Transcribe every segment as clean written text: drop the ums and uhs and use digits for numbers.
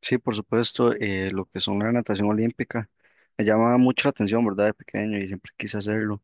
Sí, por supuesto, lo que son la natación olímpica me llama mucho la atención, ¿verdad? De pequeño y siempre quise hacerlo,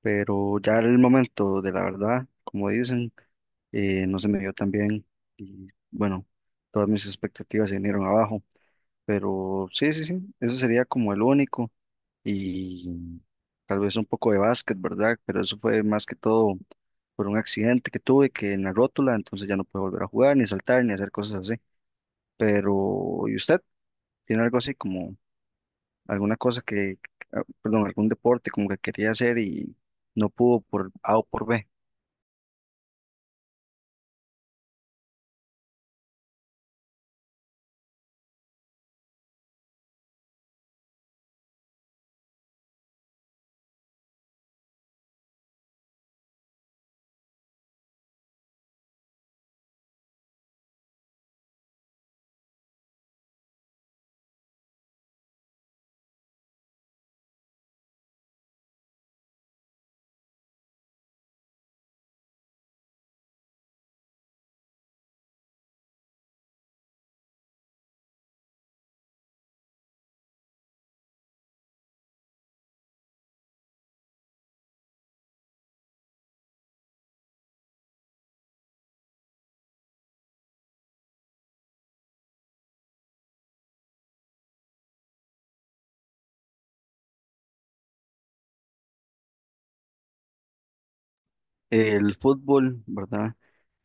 pero ya el momento de la verdad, como dicen, no se me dio tan bien y bueno, todas mis expectativas se vinieron abajo, pero sí, sí, sí, eso sería como el único y tal vez un poco de básquet, ¿verdad? Pero eso fue más que todo por un accidente que tuve que en la rótula, entonces ya no puedo volver a jugar, ni saltar, ni hacer cosas así, pero ¿y usted? ¿Tiene algo así como alguna cosa que, ah, perdón, algún deporte como que quería hacer y no pudo por A o por B? El fútbol, ¿verdad?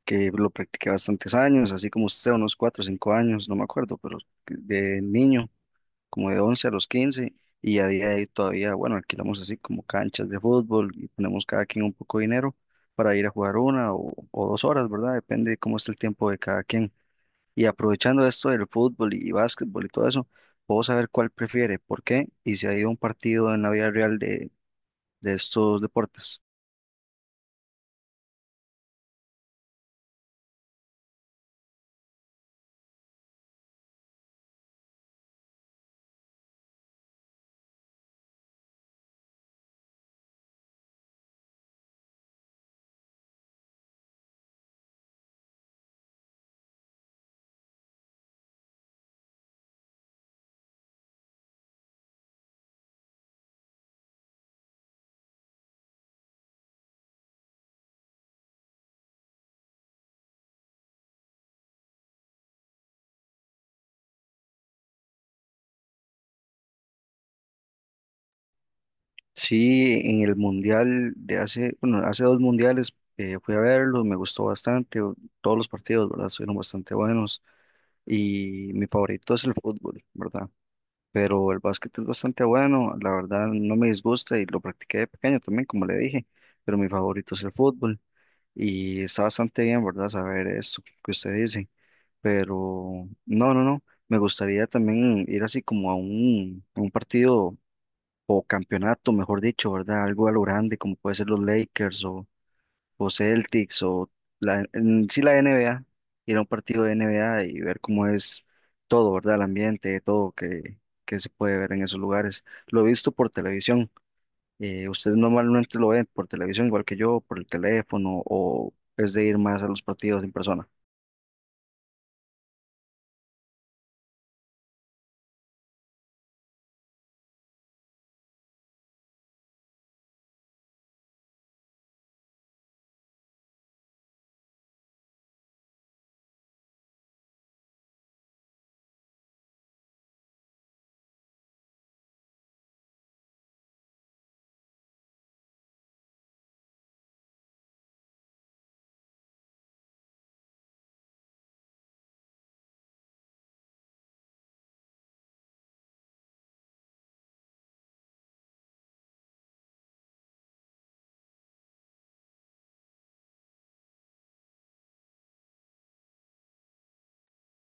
Que lo practiqué bastantes años, así como usted, unos 4 o 5 años, no me acuerdo, pero de niño, como de 11 a los 15, y a día de hoy todavía, bueno, alquilamos así como canchas de fútbol y ponemos cada quien un poco de dinero para ir a jugar una o 2 horas, ¿verdad? Depende de cómo está el tiempo de cada quien. Y aprovechando esto del fútbol y básquetbol y todo eso, puedo saber cuál prefiere, por qué y si ha ido a un partido en la vida real de estos deportes. Sí, en el mundial de hace, bueno, hace dos mundiales fui a verlo, me gustó bastante, todos los partidos, ¿verdad? Fueron bastante buenos y mi favorito es el fútbol, ¿verdad? Pero el básquet es bastante bueno, la verdad no me disgusta y lo practiqué de pequeño también, como le dije, pero mi favorito es el fútbol. Y está bastante bien, ¿verdad? Saber esto que usted dice. Pero no, no, no. Me gustaría también ir así como a un partido o campeonato, mejor dicho, ¿verdad? Algo a lo grande, como puede ser los Lakers o Celtics o la, en sí la NBA. Ir a un partido de NBA y ver cómo es todo, ¿verdad? El ambiente, todo que se puede ver en esos lugares. Lo he visto por televisión. ¿Ustedes normalmente lo ven por televisión igual que yo, por el teléfono, o es de ir más a los partidos en persona?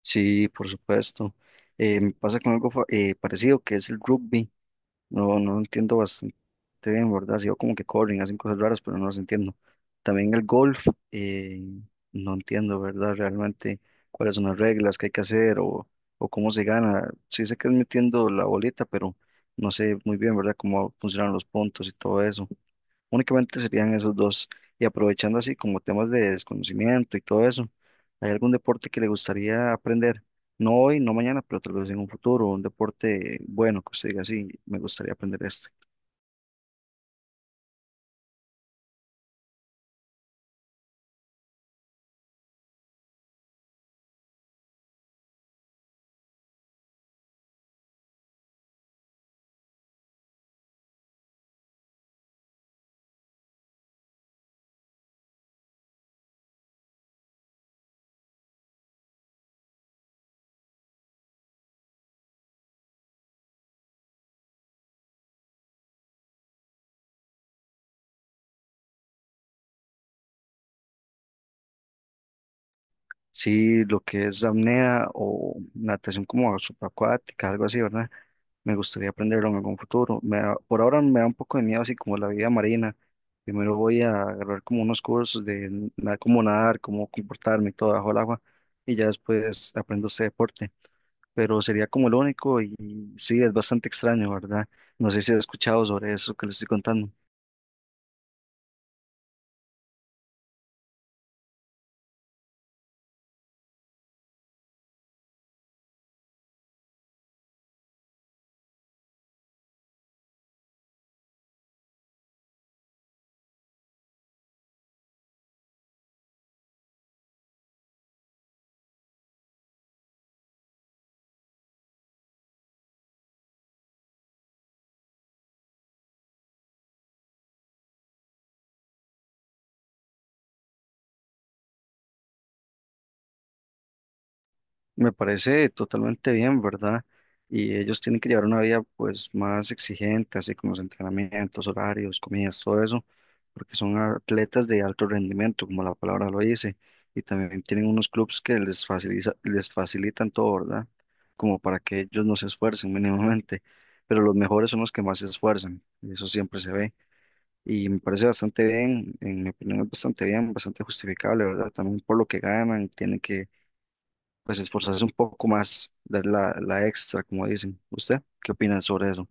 Sí, por supuesto. Me pasa con algo parecido que es el rugby. No, no entiendo bastante bien, ¿verdad? Sigo como que corren, hacen cosas raras, pero no las entiendo. También el golf, eh, no entiendo, ¿verdad? Realmente cuáles son las reglas que hay que hacer o, cómo se gana. Sí sé que es metiendo la bolita, pero no sé muy bien, ¿verdad? Cómo funcionan los puntos y todo eso. Únicamente serían esos dos. Y aprovechando así como temas de desconocimiento y todo eso, ¿hay algún deporte que le gustaría aprender? No hoy, no mañana, pero tal vez en un futuro, un deporte bueno que usted diga, sí, me gustaría aprender este. Sí, lo que es apnea o natación como subacuática, algo así, ¿verdad? Me gustaría aprenderlo en algún futuro. Por ahora me da un poco de miedo así como la vida marina. Primero voy a agarrar como unos cursos de cómo nadar, cómo comportarme y todo bajo el agua y ya después aprendo este deporte, pero sería como el único y sí, es bastante extraño, ¿verdad? No sé si has escuchado sobre eso que les estoy contando. Me parece totalmente bien, ¿verdad? Y ellos tienen que llevar una vida pues más exigente, así como los entrenamientos, horarios, comidas, todo eso, porque son atletas de alto rendimiento, como la palabra lo dice, y también tienen unos clubes que les facilita, les facilitan todo, ¿verdad? Como para que ellos no se esfuercen mínimamente, pero los mejores son los que más se esfuerzan, y eso siempre se ve. Y me parece bastante bien, en mi opinión es bastante bien, bastante justificable, ¿verdad? También por lo que ganan, tienen que pues esforzarse un poco más, dar la extra, como dicen. ¿Usted qué opina sobre eso?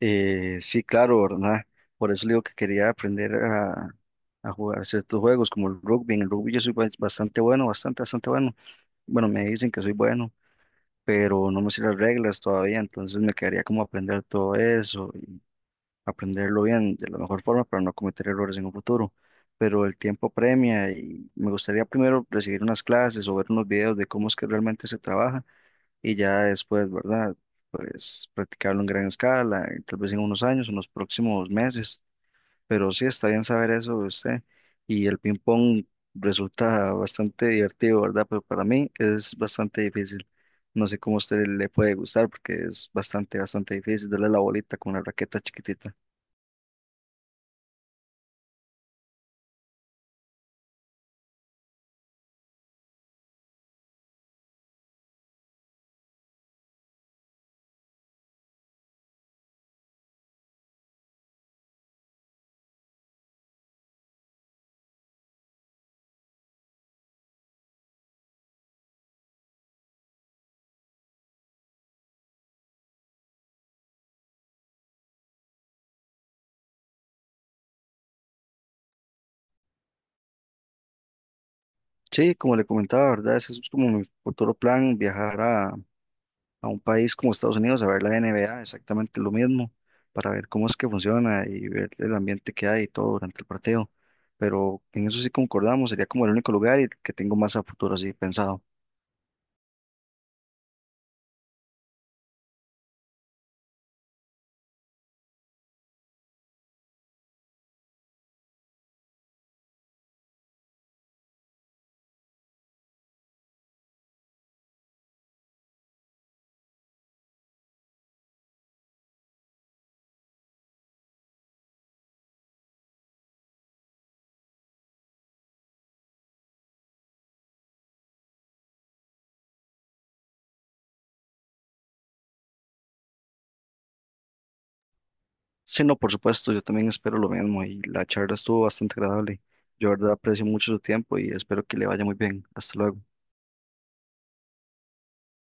Sí, claro, ¿verdad? Por eso le digo que quería aprender a jugar ciertos juegos como el rugby. En el rugby yo soy bastante bueno, bastante, bastante bueno. Bueno, me dicen que soy bueno, pero no me sé las reglas todavía, entonces me quedaría como aprender todo eso, aprenderlo bien de la mejor forma para no cometer errores en un futuro. Pero el tiempo premia y me gustaría primero recibir unas clases o ver unos videos de cómo es que realmente se trabaja y ya después, ¿verdad? Pues practicarlo en gran escala, tal vez en unos años, en los próximos meses. Pero sí está bien saber eso de usted. Y el ping pong resulta bastante divertido, ¿verdad? Pero para mí es bastante difícil. No sé cómo a usted le puede gustar porque es bastante, bastante difícil darle la bolita con una raqueta chiquitita. Sí, como le comentaba, ¿verdad? Ese es como mi futuro plan, viajar a un país como Estados Unidos a ver la NBA, exactamente lo mismo, para ver cómo es que funciona y ver el ambiente que hay y todo durante el partido. Pero en eso sí concordamos, sería como el único lugar y que tengo más a futuro así pensado. Sí, no, por supuesto, yo también espero lo mismo y la charla estuvo bastante agradable. Yo, de verdad, aprecio mucho su tiempo y espero que le vaya muy bien. Hasta luego.